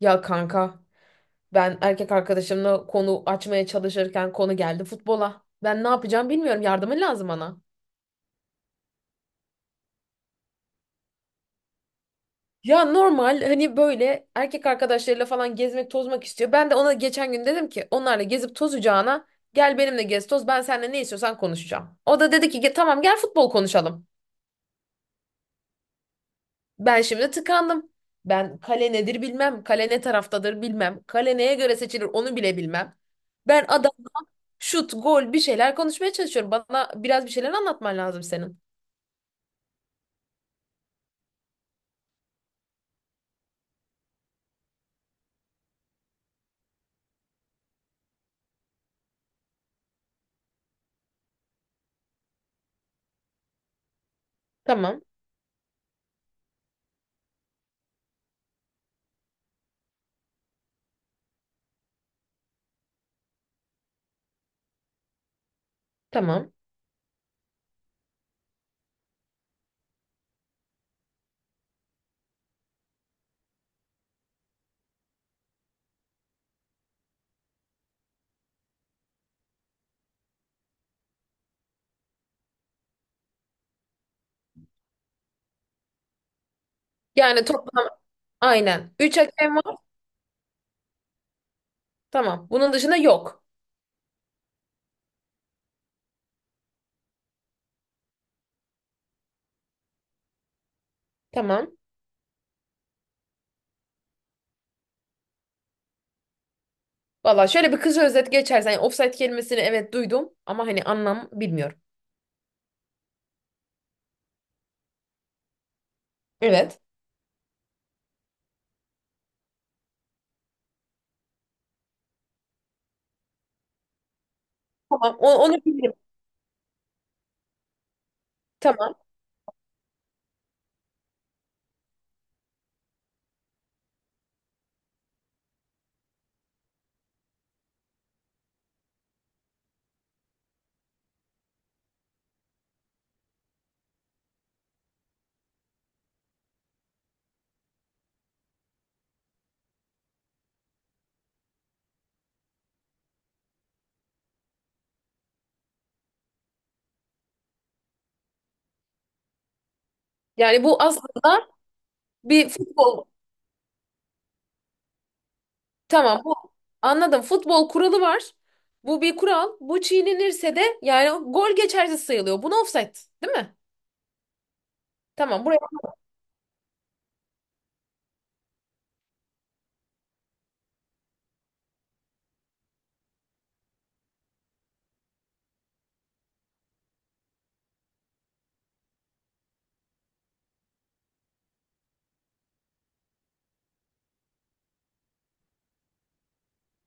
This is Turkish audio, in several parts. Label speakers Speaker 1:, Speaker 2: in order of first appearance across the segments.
Speaker 1: Ya kanka, ben erkek arkadaşımla konu açmaya çalışırken konu geldi futbola. Ben ne yapacağım bilmiyorum, yardımın lazım bana. Ya normal hani böyle erkek arkadaşlarıyla falan gezmek tozmak istiyor. Ben de ona geçen gün dedim ki onlarla gezip tozacağına gel benimle gez toz, ben seninle ne istiyorsan konuşacağım. O da dedi ki Tamam, gel futbol konuşalım." Ben şimdi tıkandım. Ben kale nedir bilmem. Kale ne taraftadır bilmem. Kale neye göre seçilir onu bile bilmem. Ben adam Şut, gol, bir şeyler konuşmaya çalışıyorum. Bana biraz bir şeyler anlatman lazım senin. Tamam, tamam. Yani toplam, aynen. Üç hakem var. Tamam. Bunun dışında yok. Tamam. Valla şöyle bir kısa özet geçersen. Yani offside kelimesini evet duydum ama hani anlam bilmiyorum. Evet. Tamam. Onu bilirim. Tamam. Yani bu aslında bir futbol. Tamam. Bu anladım. Futbol kuralı var. Bu bir kural. Bu çiğnenirse de yani gol geçersiz sayılıyor. Buna offside, değil mi? Tamam. Buraya.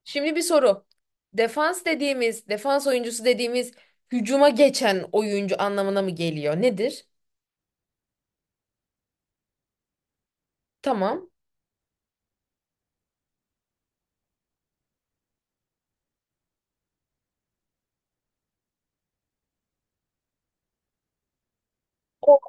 Speaker 1: Şimdi bir soru. Defans dediğimiz, defans oyuncusu dediğimiz hücuma geçen oyuncu anlamına mı geliyor? Nedir? Tamam. O,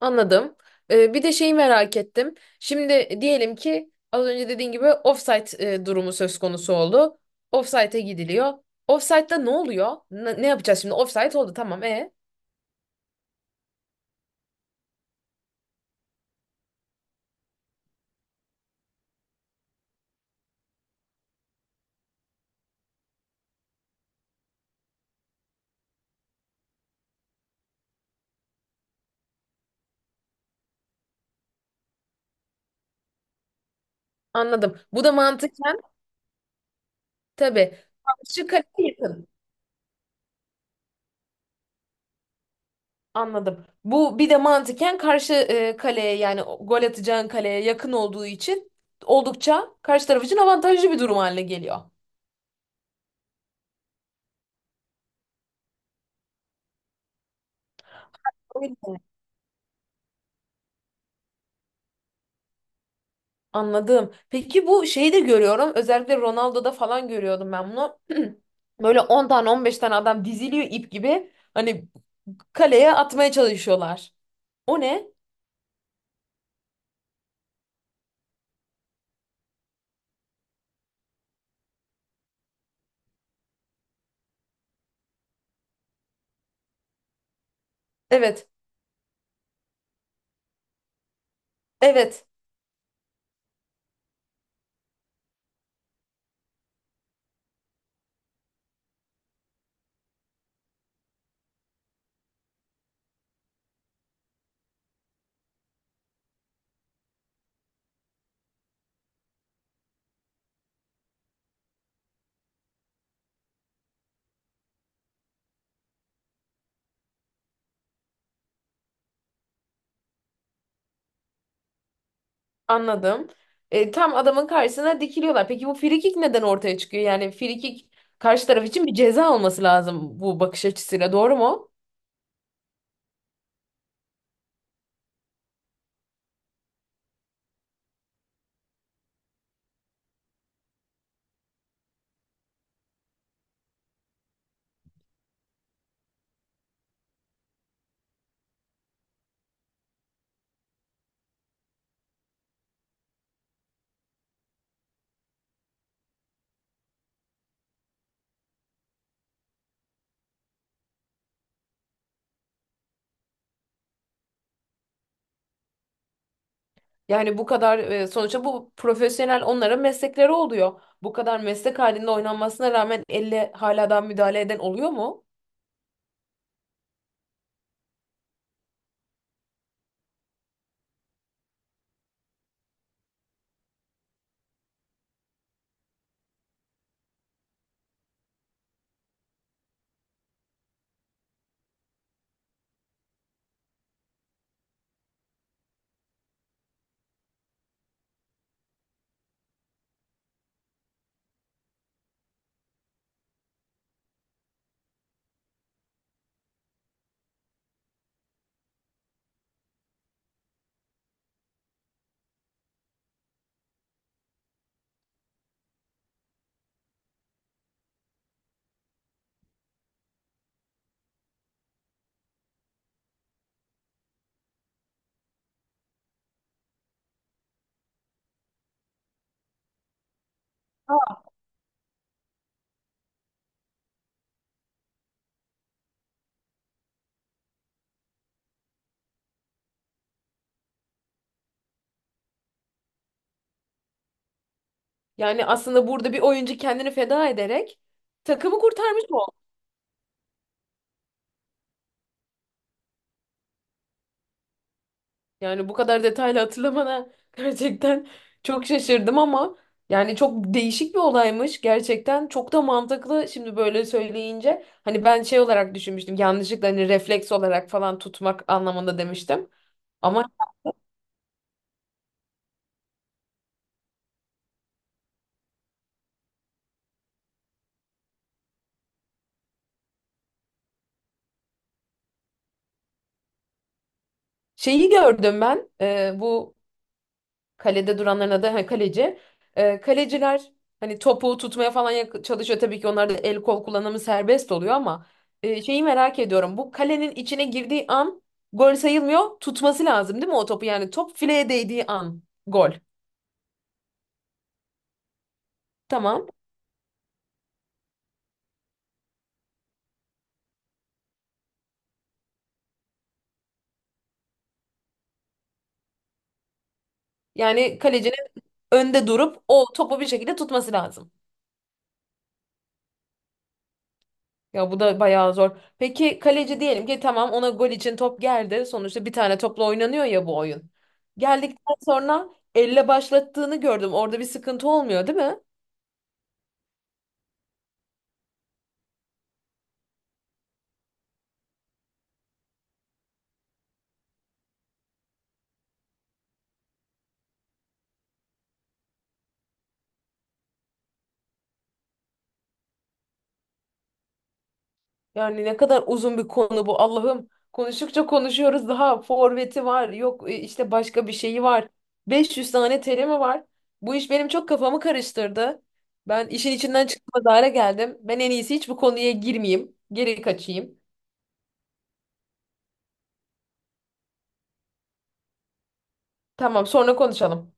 Speaker 1: anladım. Bir de şeyi merak ettim. Şimdi diyelim ki az önce dediğin gibi offside durumu söz konusu oldu. Offside'e gidiliyor. Offside'da ne oluyor? Ne, ne yapacağız şimdi? Offside oldu tamam. Anladım. Bu da mantıken tabii karşı kaleye yakın. Anladım. Bu bir de mantıken karşı kaleye yani gol atacağın kaleye yakın olduğu için oldukça karşı taraf için avantajlı bir durum haline geliyor. Öyle. Anladım. Peki bu şeyi de görüyorum. Özellikle Ronaldo'da falan görüyordum ben bunu. Böyle 10 tane 15 tane adam diziliyor ip gibi. Hani kaleye atmaya çalışıyorlar. O ne? Evet. Evet. Anladım. Tam adamın karşısına dikiliyorlar. Peki bu frikik neden ortaya çıkıyor? Yani frikik karşı taraf için bir ceza olması lazım bu bakış açısıyla. Doğru mu? Yani bu kadar sonuçta bu profesyonel onların meslekleri oluyor. Bu kadar meslek halinde oynanmasına rağmen elle hala daha müdahale eden oluyor mu? Yani aslında burada bir oyuncu kendini feda ederek takımı kurtarmış. Yani bu kadar detaylı hatırlamana gerçekten çok şaşırdım ama yani çok değişik bir olaymış. Gerçekten çok da mantıklı şimdi böyle söyleyince. Hani ben şey olarak düşünmüştüm, yanlışlıkla hani refleks olarak falan tutmak anlamında demiştim. Ama şeyi gördüm ben bu kalede duranların adı ha, kaleci. Kaleciler hani topu tutmaya falan çalışıyor. Tabii ki onlarda el kol kullanımı serbest oluyor ama şeyi merak ediyorum. Bu kalenin içine girdiği an gol sayılmıyor. Tutması lazım değil mi o topu? Yani top fileye değdiği an gol. Tamam. Yani kalecinin önde durup o topu bir şekilde tutması lazım. Ya bu da bayağı zor. Peki kaleci diyelim ki tamam ona gol için top geldi. Sonuçta bir tane topla oynanıyor ya bu oyun. Geldikten sonra elle başlattığını gördüm. Orada bir sıkıntı olmuyor, değil mi? Yani ne kadar uzun bir konu bu Allah'ım. Konuştukça konuşuyoruz daha forveti var yok işte başka bir şeyi var. 500 tane terimi var. Bu iş benim çok kafamı karıştırdı. Ben işin içinden çıkmaz hale geldim. Ben en iyisi hiç bu konuya girmeyeyim. Geri kaçayım. Tamam sonra konuşalım.